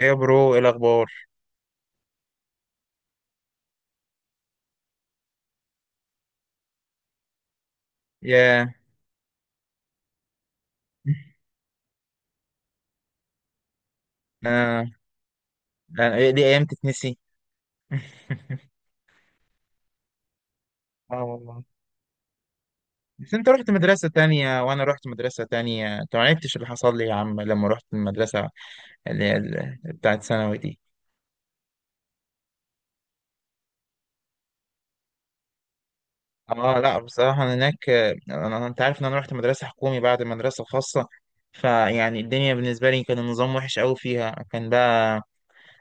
ايه يا برو، ايه الاخبار؟ يا انا إيه دي ايام تتنسي؟ اه، والله. بس انت رحت مدرسة تانية وانا رحت مدرسة تانية، انت ما عرفتش اللي حصل لي يا عم لما رحت المدرسة اللي هي بتاعت ثانوي دي. اه، لا، بصراحة انا هناك، انا انت عارف ان انا رحت مدرسة حكومي بعد مدرسة خاصة. فيعني الدنيا بالنسبة لي كان النظام وحش قوي فيها، كان بقى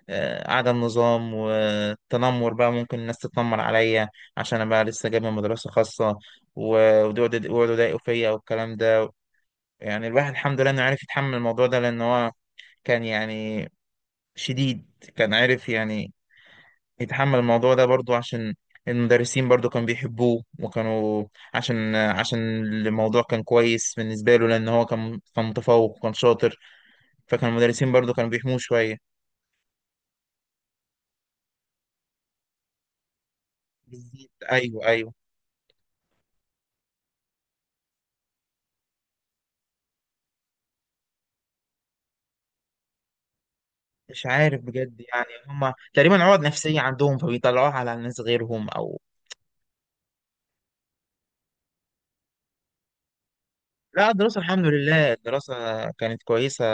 عدم نظام، والتنمر بقى ممكن الناس تتنمر عليا عشان انا بقى لسه جاي من مدرسة خاصة. ويقعدوا يضايقوا فيا والكلام ده. يعني الواحد الحمد لله انه عرف يتحمل الموضوع ده لان هو كان يعني شديد، كان عارف يعني يتحمل الموضوع ده برضو عشان المدرسين برضو كانوا بيحبوه، وكانوا عشان الموضوع كان كويس بالنسبة له، لأن هو كان متفوق وكان شاطر. فكان المدرسين برضو كانوا بيحموه شوية. بالظبط. أيوه، أيوه. مش عارف بجد، يعني هم تقريبا عقد نفسية عندهم فبيطلعوها على الناس غيرهم أو... لا، الدراسة الحمد لله، الدراسة كانت كويسة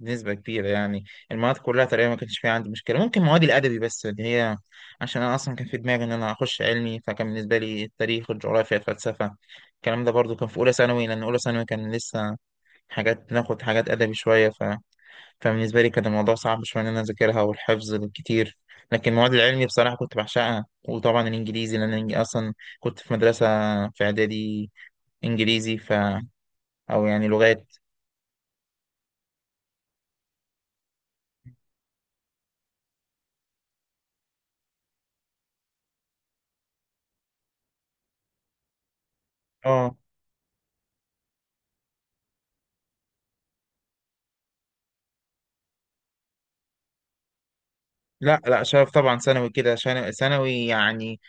بنسبة كبيرة يعني. المواد كلها تقريبا ما كانش فيها عندي مشكلة، ممكن مواد الأدبي بس اللي هي، عشان أنا أصلا كان في دماغي إن أنا أخش علمي، فكان بالنسبة لي التاريخ والجغرافيا الفلسفة الكلام ده برضو كان في أولى ثانوي، لأن أولى ثانوي كان لسه حاجات ناخد حاجات أدبي شوية، فبالنسبة لي كان الموضوع صعب شوية إن أنا أذاكرها والحفظ الكتير. لكن المواد العلمي بصراحة كنت بعشقها، وطبعا الإنجليزي لأن أنا أصلا كنت في مدرسة في إعدادي إنجليزي، أو يعني لغات. آه، لا لا، شايف طبعا ثانوي كده، عشان ثانوي يعني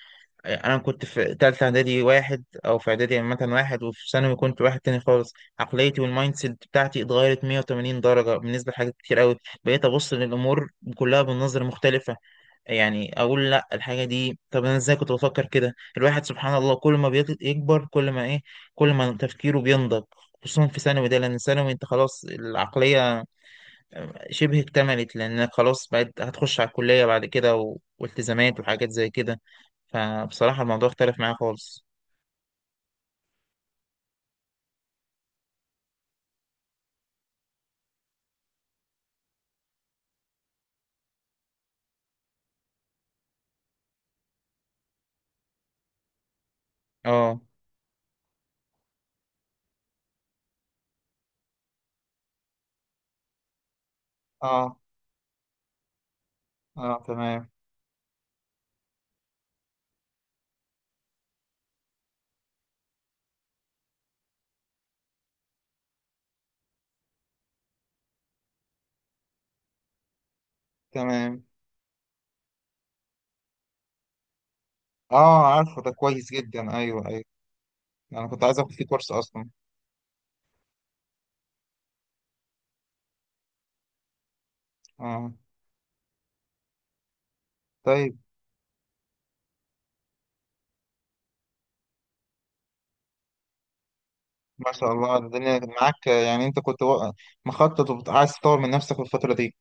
أنا كنت في تالتة إعدادي واحد، أو في إعدادي عامة واحد، وفي ثانوي كنت واحد تاني خالص. عقليتي والمايند سيت بتاعتي اتغيرت 180 درجة بالنسبة لحاجات كتير أوي. بقيت أبص للأمور كلها بالنظرة مختلفة، يعني اقول لا الحاجه دي، طب انا ازاي كنت بفكر كده؟ الواحد سبحان الله كل ما بيكبر كل ما ايه، كل ما تفكيره بينضج. خصوصا في ثانوي ده، لان ثانوي انت خلاص العقليه شبه اكتملت، لانك خلاص بقيت هتخش على الكليه بعد كده والتزامات وحاجات زي كده. فبصراحه الموضوع اختلف معايا خالص. اه، اه، اه، تمام. تمام. اه، عارفه ده كويس جدا، ايوه، ايوه. انا كنت عايز اخد فيه كورس اصلا. اه. طيب. ما شاء الله، الدنيا معاك، يعني انت كنت مخطط وعايز تطور من نفسك في الفترة دي.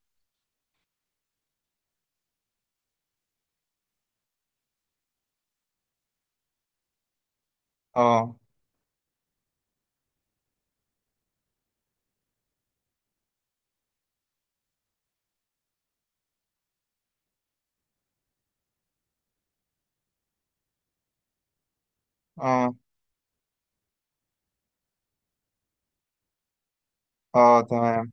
اه. اه، اه، تمام.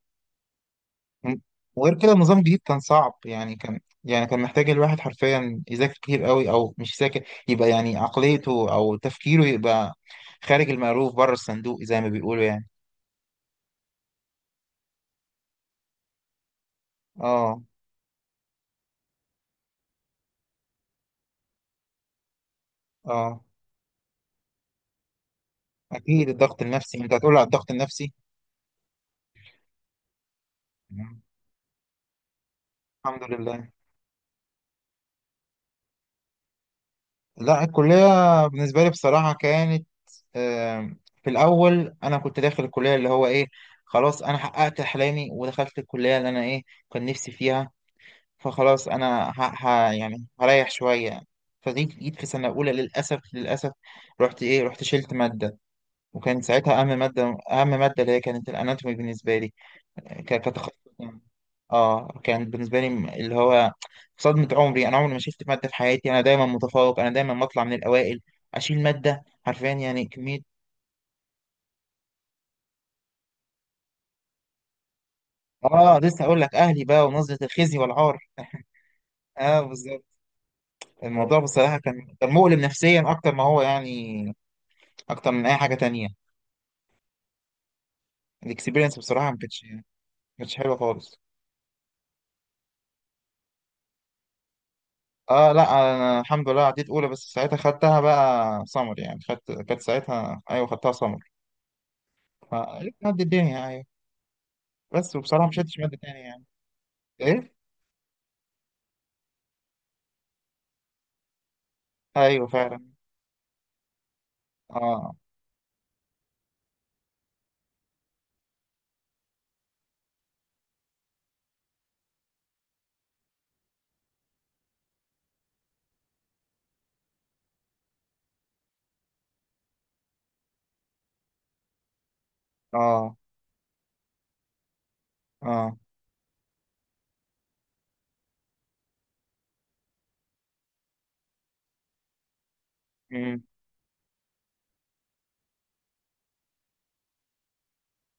م- وغير كده النظام الجديد كان صعب، يعني كان يعني كان محتاج الواحد حرفيا يذاكر كتير قوي، او مش يذاكر يبقى يعني عقليته او تفكيره يبقى خارج المألوف، بره الصندوق زي ما بيقولوا يعني. اه. اه، اكيد الضغط النفسي، انت هتقول على الضغط النفسي. الحمد لله. لا، الكلية بالنسبة لي بصراحة كانت في الأول أنا كنت داخل الكلية اللي هو إيه، خلاص أنا حققت أحلامي ودخلت الكلية اللي أنا إيه كان نفسي فيها. فخلاص أنا يعني هريح شوية. فجيت في سنة أولى، للأسف، للأسف رحت إيه، رحت شلت مادة. وكان ساعتها أهم مادة، أهم مادة اللي هي كانت الأناتومي بالنسبة لي كتخصص يعني. آه، كان بالنسبة لي اللي هو صدمة عمري، أنا عمري ما شلت مادة في حياتي، أنا دايما متفوق، أنا دايما بطلع من الأوائل. أشيل مادة حرفيا، يعني كمية... اه، لسه هقول لك اهلي بقى ونظره الخزي والعار. اه، بالظبط. الموضوع بصراحه كان مؤلم نفسيا اكتر ما هو يعني، اكتر من اي حاجه تانية. الاكسبيرينس بصراحه ما كانتش حلوه خالص. اه، لا، انا الحمد لله عديت اولى، بس ساعتها خدتها بقى سمر يعني، خدت كانت ساعتها، ايوه خدتها سمر. فعدت الدنيا، ايوه. بس وبصراحه ما شدتش ماده تانية يعني. ايه. ايوه، فعلا. اه، اه، اه، مم،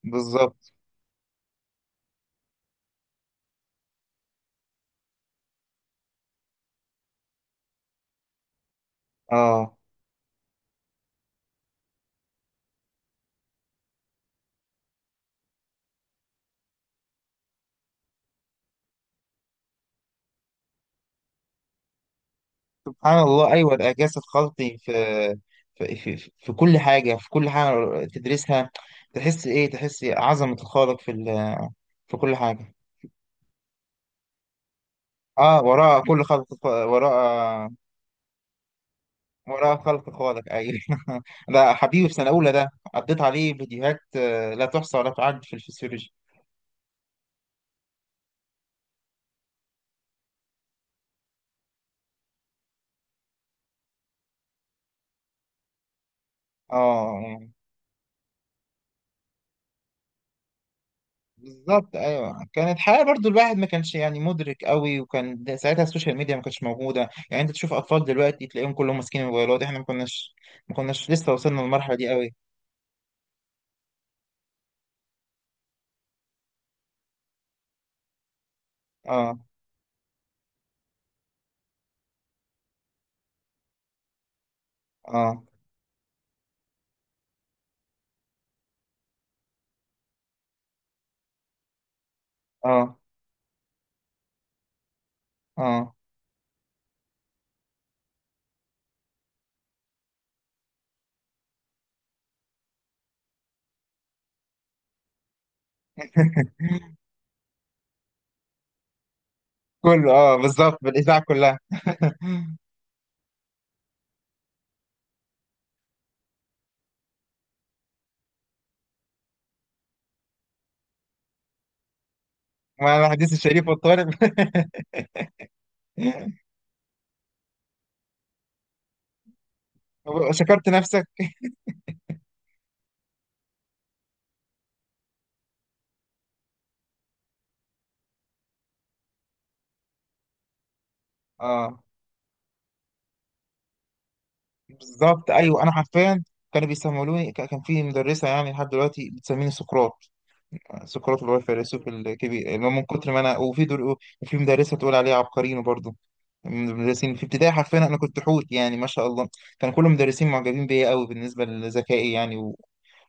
بالظبط. اه، سبحان الله، ايوه الاعجاز الخلقي في في كل حاجه، في كل حاجه تدرسها تحس ايه، تحس عظمه الخالق في كل حاجه. اه، وراء كل خلق، وراء خلق خالق، ايوه. ده حبيبي في سنه اولى، ده قضيت عليه فيديوهات لا تحصى ولا تعد في الفسيولوجي. اه، بالظبط، ايوه كانت حياه برضو الواحد ما كانش يعني مدرك قوي، وكان ساعتها السوشيال ميديا ما كانتش موجوده، يعني انت تشوف اطفال دلوقتي تلاقيهم كلهم ماسكين الموبايلات، احنا ما كناش لسه وصلنا للمرحله دي قوي. اه، اه، اه، اه. كله، اه، بالظبط، بالاذاعه كلها. مع الحديث الشريف والطارئ. شكرت نفسك. اه، بالظبط، ايوه انا حرفيا كانوا بيسمولوني، كان في مدرسه يعني لحد دلوقتي بتسميني سقراط. سقراط اللي هو الفيلسوف الكبير، اللي هو من كتر ما انا، وفي دول وفي مدرسه تقول عليه عبقريين برضه، من المدرسين في ابتدائي حرفيا انا كنت حوت يعني ما شاء الله. كان كل المدرسين معجبين بيا قوي بالنسبه لذكائي يعني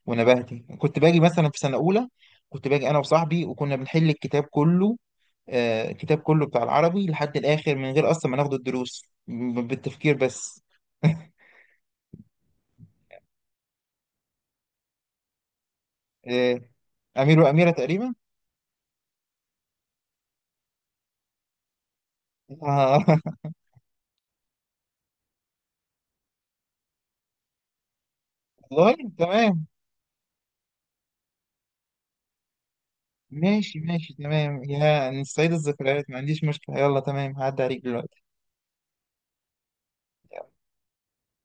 ونباهتي. كنت باجي مثلا في سنة أولى، كنت باجي أنا وصاحبي وكنا بنحل الكتاب كله، آه الكتاب كله بتاع العربي لحد الآخر من غير أصلا ما ناخد الدروس، بالتفكير بس. آه، أمير وأميرة تقريبا. آه. والله تمام. ماشي ماشي تمام، يا نستعيد الذكريات ما عنديش مشكلة. يلا تمام، هعدي عليك دلوقتي.